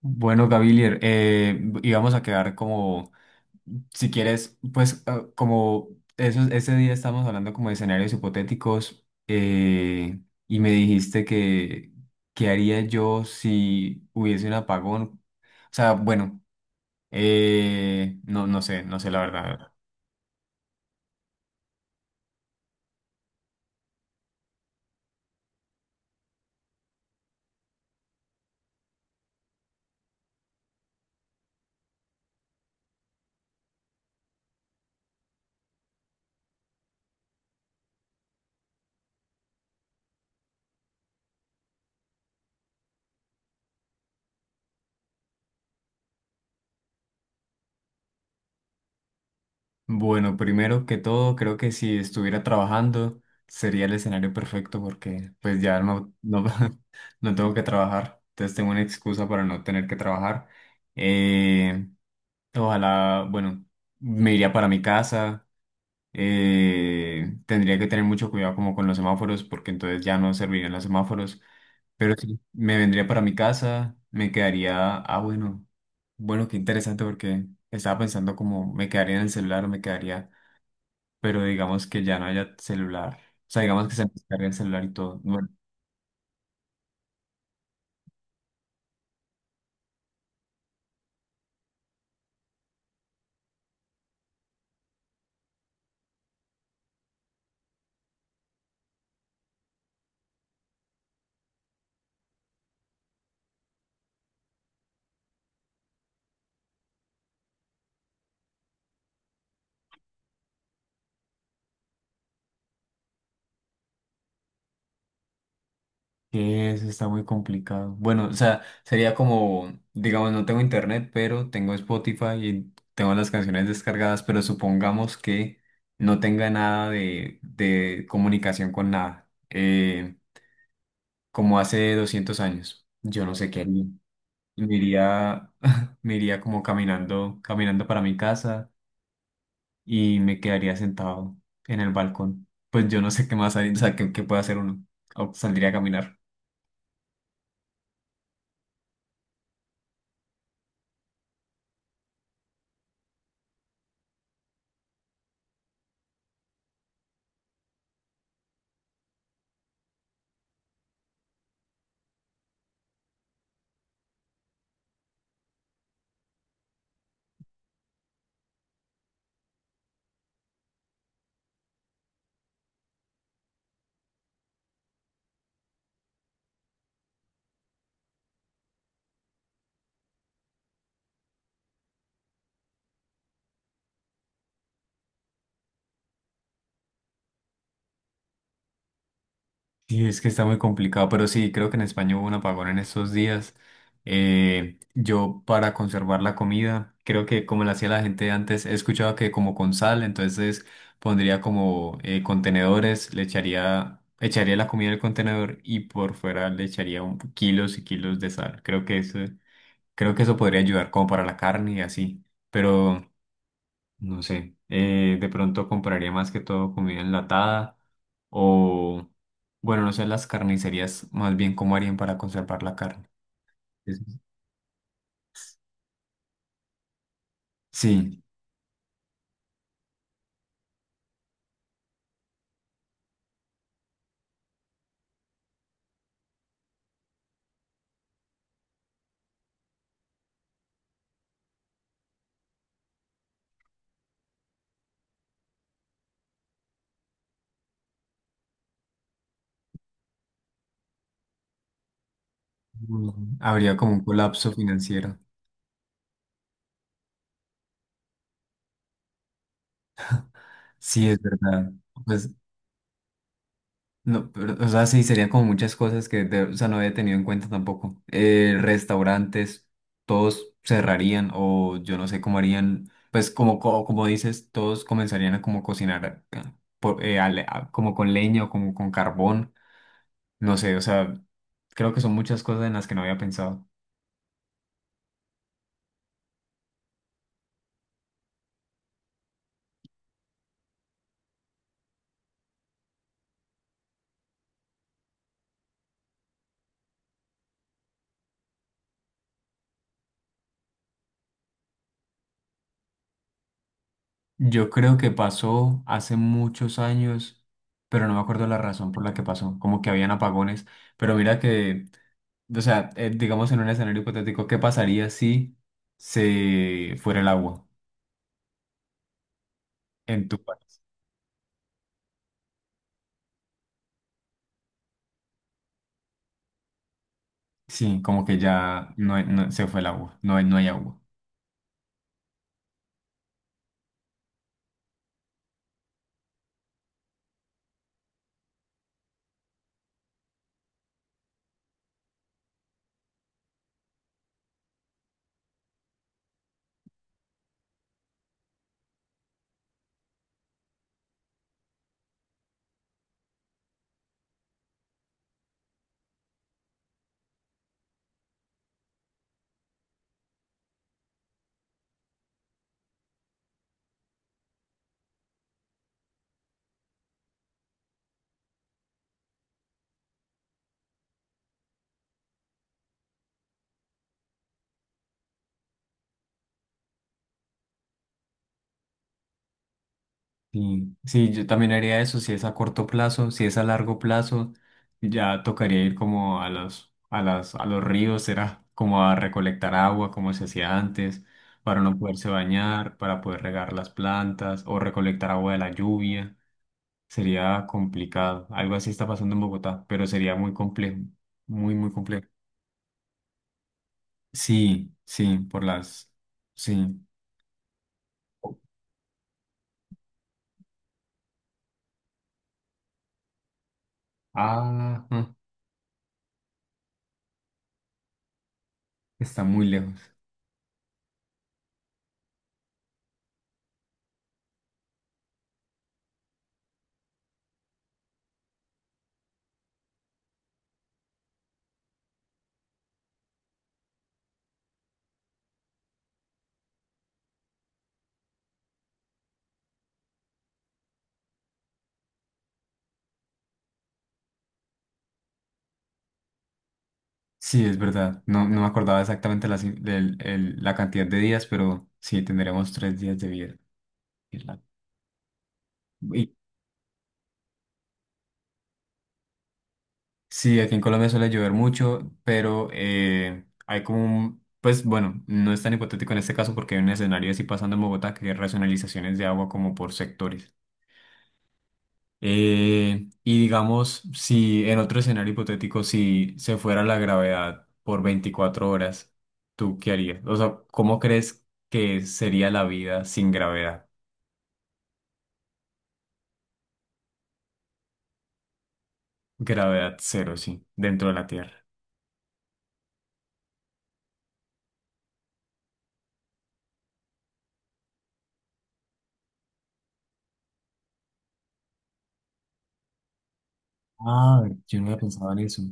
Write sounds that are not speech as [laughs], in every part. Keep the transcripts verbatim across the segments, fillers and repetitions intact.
Bueno, Gavilier, eh, íbamos a quedar como, si quieres, pues ah, como esos, ese día estábamos hablando como de escenarios hipotéticos eh, y me dijiste que, ¿qué haría yo si hubiese un apagón? O sea, bueno, eh, no, no sé, no sé la verdad. Bueno, primero que todo, creo que si estuviera trabajando sería el escenario perfecto porque pues ya no, no, [laughs] no tengo que trabajar, entonces tengo una excusa para no tener que trabajar. Eh, ojalá, bueno, me iría para mi casa, eh, tendría que tener mucho cuidado como con los semáforos porque entonces ya no servirían los semáforos, pero sí, me vendría para mi casa, me quedaría, ah, bueno, bueno, qué interesante porque estaba pensando como me quedaría en el celular o me quedaría pero digamos que ya no haya celular. O sea, digamos que se nos cargue el celular y todo. Bueno, que eso está muy complicado. Bueno, o sea, sería como, digamos, no tengo internet, pero tengo Spotify y tengo las canciones descargadas, pero supongamos que no tenga nada de, de comunicación con nada, eh, como hace doscientos años. Yo no sé qué haría. Me iría, [laughs] me iría como caminando, caminando para mi casa y me quedaría sentado en el balcón. Pues yo no sé qué más hay, o sea, qué, qué puede hacer uno. O saldría a caminar. Sí, es que está muy complicado, pero sí, creo que en España hubo un apagón en estos días. Eh, yo para conservar la comida, creo que como la hacía la gente antes, he escuchado que como con sal, entonces pondría como eh, contenedores, le echaría, echaría la comida en el contenedor y por fuera le echaría un, kilos y kilos de sal. Creo que eso, creo que eso podría ayudar como para la carne y así. Pero no sé, eh, de pronto compraría más que todo comida enlatada o, bueno, no sé, las carnicerías más bien cómo harían para conservar la carne. Es- Sí. Mm, habría como un colapso financiero. Sí, es verdad. Pues no, pero, o sea, sí, serían como muchas cosas que de- o sea, no había tenido en cuenta tampoco. Eh, restaurantes, todos cerrarían o yo no sé cómo harían, pues como, co- como, dices, todos comenzarían a como cocinar eh, por- eh, a le- a- como con leña o como con carbón, no sé, o sea, creo que son muchas cosas en las que no había pensado. Yo creo que pasó hace muchos años, pero no me acuerdo la razón por la que pasó, como que habían apagones, pero mira que... O sea, eh, digamos en un escenario hipotético, ¿qué pasaría si se fuera el agua en tu país? Sí, como que ya no, hay- no- se fue el agua, no hay, no hay agua. Sí, sí, yo también haría eso, si es a corto plazo, si es a largo plazo, ya tocaría ir como a los, a las, a los ríos, será como a recolectar agua como se hacía antes, para no poderse bañar, para poder regar las plantas o recolectar agua de la lluvia. Sería complicado. Algo así está pasando en Bogotá, pero sería muy complejo. Muy, muy complejo. Sí, sí, por las... Sí. Ah, mm, está muy lejos. Sí, es verdad. No, no me acordaba exactamente la, ci- del- el- la cantidad de días, pero sí, tendremos tres días de vida. Y y- sí, aquí en Colombia suele llover mucho, pero eh, hay como un... Pues bueno, no es tan hipotético en este caso porque hay un escenario así pasando en Bogotá que hay racionalizaciones de agua como por sectores. Eh, y digamos, si en otro escenario hipotético, si se fuera la gravedad por veinticuatro horas, ¿tú qué harías? O sea, ¿cómo crees que sería la vida sin gravedad? Gravedad cero, sí, dentro de la Tierra. Ah, yo no había pensado en eso.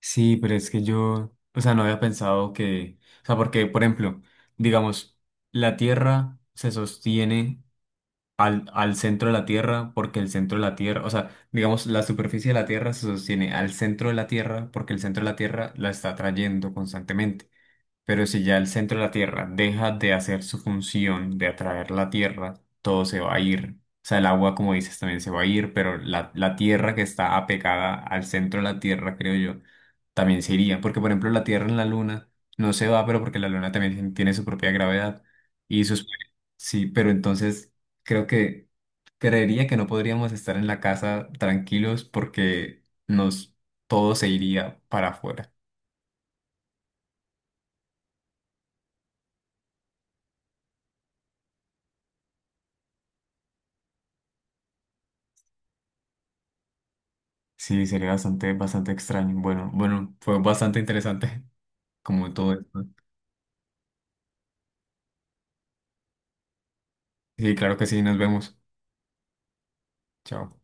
Sí, pero es que yo, o sea, no había pensado que, o sea, porque, por ejemplo, digamos, la Tierra se sostiene al, al centro de la Tierra, porque el centro de la Tierra, o sea, digamos, la superficie de la Tierra se sostiene al centro de la Tierra, porque el centro de la Tierra la está atrayendo constantemente. Pero si ya el centro de la Tierra deja de hacer su función de atraer la Tierra, todo se va a ir. O sea, el agua, como dices, también se va a ir, pero la, la Tierra que está apegada al centro de la Tierra, creo yo, también se iría. Porque, por ejemplo, la Tierra en la Luna no se va, pero porque la Luna también tien- tiene su propia gravedad. Y sus... Sí, pero entonces creo que creería que no podríamos estar en la casa tranquilos porque nos todo se iría para afuera. Sí, sería bastante, bastante extraño. Bueno, bueno, fue bastante interesante [laughs] como todo esto. Sí, claro que sí, nos vemos. Chao.